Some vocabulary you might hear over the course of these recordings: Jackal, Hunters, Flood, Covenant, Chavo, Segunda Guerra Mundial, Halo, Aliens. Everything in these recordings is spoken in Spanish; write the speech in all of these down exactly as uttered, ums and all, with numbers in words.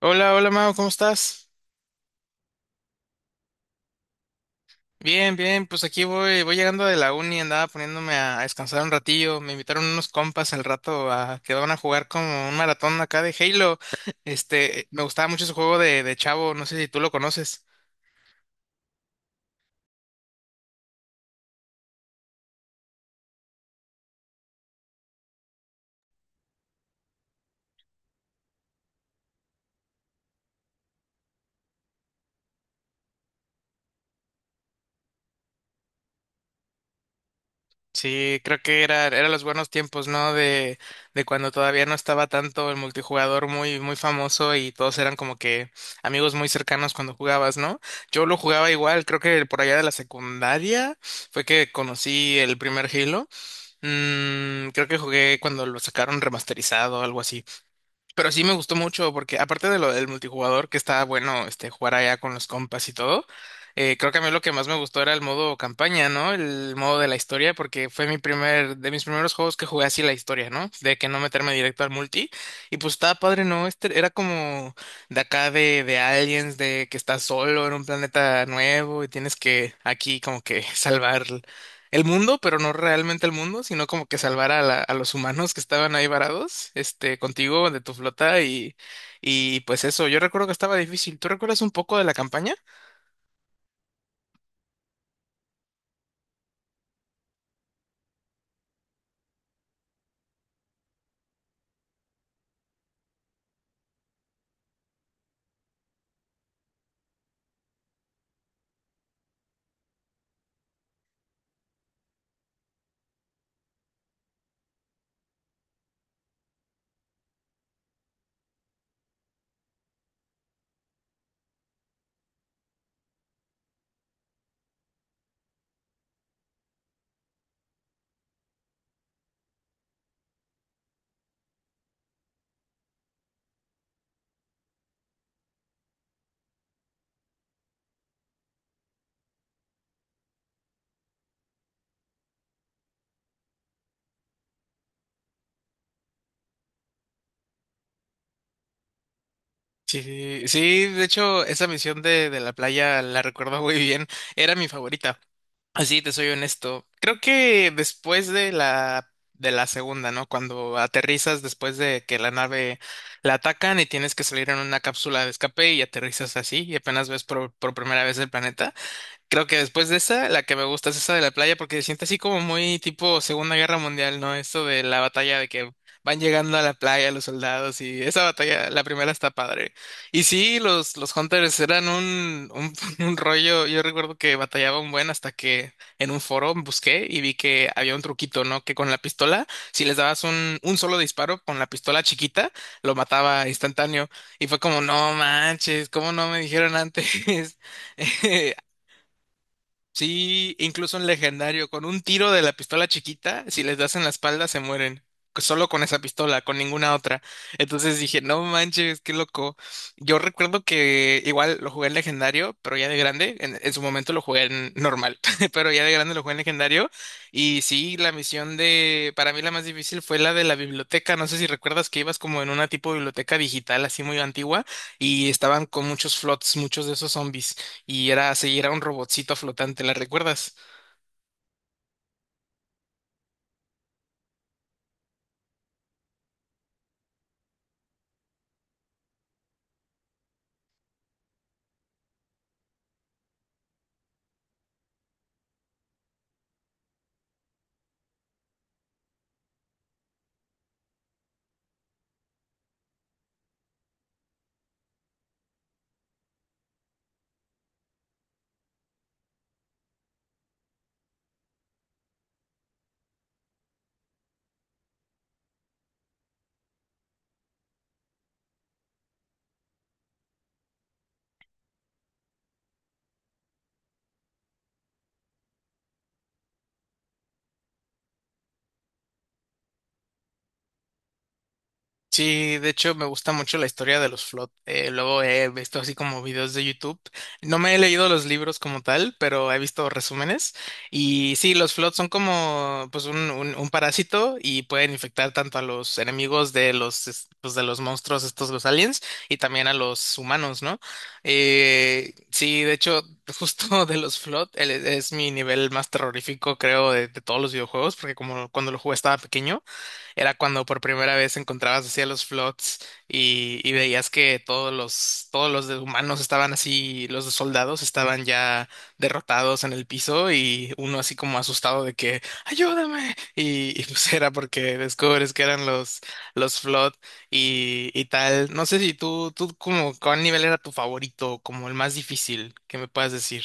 Hola, hola Mau, ¿cómo estás? Bien, bien, pues aquí voy, voy llegando de la uni, andaba poniéndome a, a descansar un ratillo, me invitaron unos compas al rato a que van a jugar como un maratón acá de Halo. Este, me gustaba mucho ese juego de, de Chavo, no sé si tú lo conoces. Sí, creo que era, eran los buenos tiempos, ¿no? De, de cuando todavía no estaba tanto el multijugador muy, muy famoso y todos eran como que amigos muy cercanos cuando jugabas, ¿no? Yo lo jugaba igual, creo que por allá de la secundaria fue que conocí el primer Halo. Mm, creo que jugué cuando lo sacaron remasterizado o algo así. Pero sí me gustó mucho porque aparte de lo del multijugador, que está bueno este jugar allá con los compas y todo, eh, creo que a mí lo que más me gustó era el modo campaña, ¿no? El modo de la historia, porque fue mi primer, de mis primeros juegos que jugué así la historia, ¿no? De que no meterme directo al multi. Y pues estaba padre, ¿no? Este era como de acá de, de Aliens, de que estás solo en un planeta nuevo y tienes que aquí como que salvar el mundo, pero no realmente el mundo, sino como que salvar a, la- a los humanos que estaban ahí varados, este, contigo, de tu flota y, y pues eso, yo recuerdo que estaba difícil. ¿Tú recuerdas un poco de la campaña? Sí, sí, de hecho, esa misión de, de la playa la recuerdo muy bien, era mi favorita. Así te soy honesto. Creo que después de la de la segunda, ¿no? Cuando aterrizas después de que la nave la atacan y tienes que salir en una cápsula de escape y aterrizas así y apenas ves por por primera vez el planeta. Creo que después de esa, la que me gusta es esa de la playa porque se siente así como muy tipo Segunda Guerra Mundial, ¿no? Esto de la batalla de que van llegando a la playa los soldados y esa batalla, la primera está padre. Y sí, los, los Hunters eran un, un, un rollo, yo recuerdo que batallaba un buen hasta que en un foro busqué y vi que había un truquito, ¿no? Que con la pistola, si les dabas un, un solo disparo con la pistola chiquita, lo mataba instantáneo. Y fue como, no manches, ¿cómo no me dijeron antes? Sí, incluso en legendario, con un tiro de la pistola chiquita, si les das en la espalda se mueren. Solo con esa pistola, con ninguna otra. Entonces dije, no manches, qué loco. Yo recuerdo que igual lo jugué en legendario, pero ya de grande. En, en su momento lo jugué en normal, pero ya de grande lo jugué en legendario. Y sí, la misión de, para mí la más difícil fue la de la biblioteca. No sé si recuerdas que ibas como en una tipo de biblioteca digital así muy antigua y estaban con muchos flots, muchos de esos zombies y era así, era un robotcito flotante, ¿la recuerdas? Sí, de hecho me gusta mucho la historia de los Flood. Eh, luego he visto así como videos de YouTube. No me he leído los libros como tal, pero he visto resúmenes. Y sí, los Flood son como pues un, un, un parásito y pueden infectar tanto a los enemigos de los es- pues, de los monstruos estos, los aliens, y también a los humanos, ¿no? Eh, sí, de hecho, justo de los Flood el- es mi nivel más terrorífico, creo, de, de todos los videojuegos, porque como cuando lo jugué estaba pequeño. Era cuando por primera vez encontrabas así a los flots y, y veías que todos los, todos los de humanos estaban así, los de soldados estaban ya derrotados en el piso y uno así como asustado de que ¡ayúdame! Y, y pues era porque descubres que eran los, los flot y, y tal. No sé si tú, tú como, ¿cuál nivel era tu favorito? ¿Como el más difícil, que me puedas decir?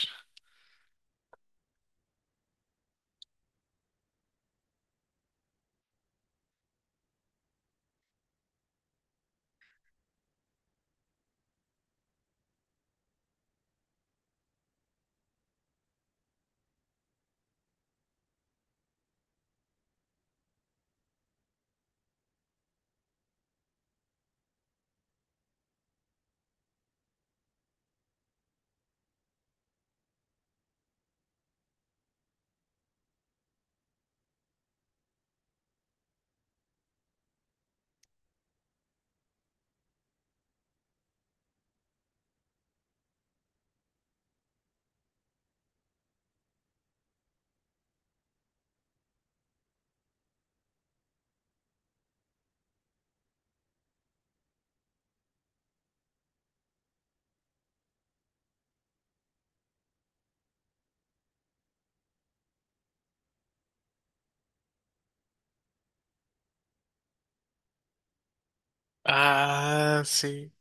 Ah, sí.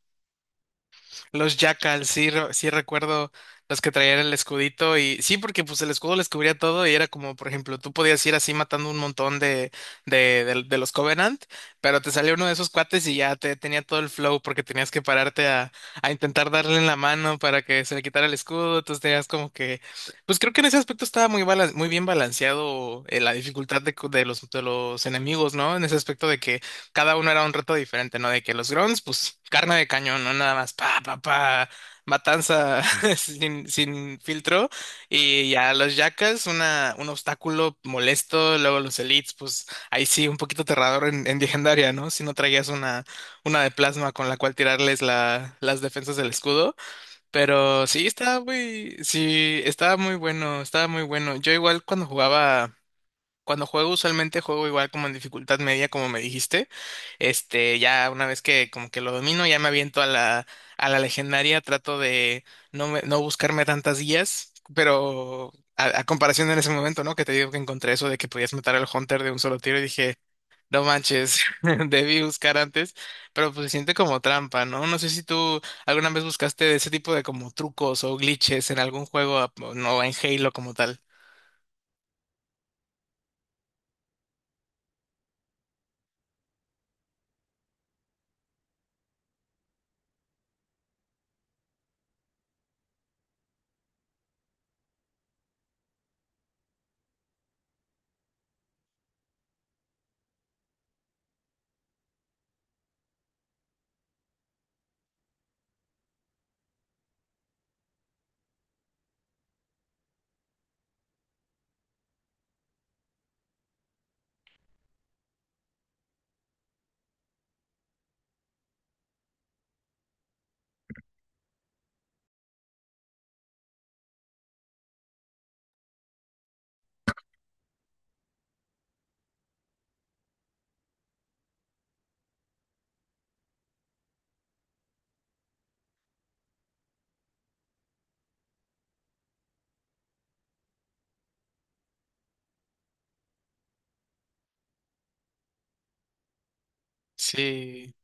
Los Jackal, sí, re- sí recuerdo los que traían el escudito y sí, porque pues el escudo les cubría todo y era como, por ejemplo, tú podías ir así matando un montón de, de, de- de los Covenant, pero te salía uno de esos cuates y ya te tenía todo el flow porque tenías que pararte a, a intentar darle en la mano para que se le quitara el escudo, entonces tenías como que, pues creo que en ese aspecto estaba muy, bala- muy bien balanceado eh, la dificultad de, cu- de los, de los enemigos, ¿no? En ese aspecto de que cada uno era un reto diferente, ¿no? De que los grunts, pues carne de cañón, ¿no? Nada más, pa, pa, pa, matanza sin, sin filtro. Y ya los yacas, una, un obstáculo molesto. Luego los elites, pues ahí sí, un poquito aterrador en, en legendaria, ¿no? Si no traías una, una de plasma con la cual tirarles la, las defensas del escudo. Pero sí, estaba muy, sí, estaba muy bueno, estaba muy bueno. Yo igual cuando jugaba. Cuando juego, usualmente juego igual como en dificultad media, como me dijiste. Este, ya una vez que como que lo domino, ya me aviento a la, a la legendaria, trato de no, me- no buscarme tantas guías, pero a, a comparación en ese momento, ¿no? Que te digo que encontré eso de que podías matar al Hunter de un solo tiro y dije, no manches, debí buscar antes, pero pues se siente como trampa, ¿no? No sé si tú alguna vez buscaste ese tipo de como trucos o glitches en algún juego, no en Halo como tal. Sí.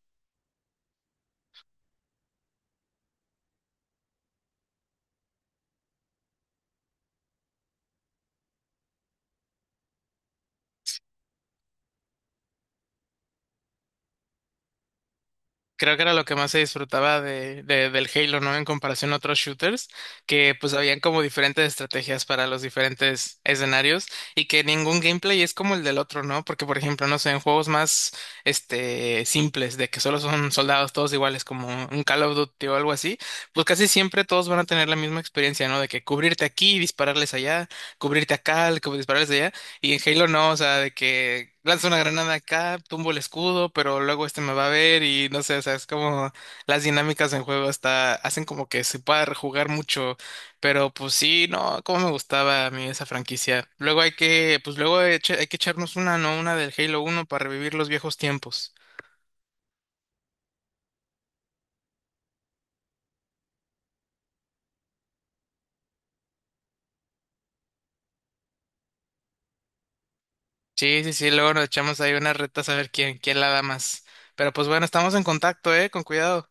Creo que era lo que más se disfrutaba de, de- del Halo, ¿no? En comparación a otros shooters, que pues habían como diferentes estrategias para los diferentes escenarios y que ningún gameplay es como el del otro, ¿no? Porque, por ejemplo, no sé, en juegos más, este, simples, de que solo son soldados todos iguales, como un Call of Duty o algo así, pues casi siempre todos van a tener la misma experiencia, ¿no? De que cubrirte aquí, dispararles allá, cubrirte acá, dispararles allá. Y en Halo no, o sea, de que lanzo una granada acá, tumbo el escudo, pero luego este me va a ver y no sé, o sea, es como las dinámicas en juego hasta hacen como que se pueda rejugar mucho, pero pues sí, no, cómo me gustaba a mí esa franquicia. Luego hay que, pues luego eche- hay que echarnos una, ¿no? Una del Halo uno para revivir los viejos tiempos. Sí, sí, sí, luego nos echamos ahí unas retas a ver quién, quién la da más. Pero pues bueno, estamos en contacto, ¿eh? Con cuidado.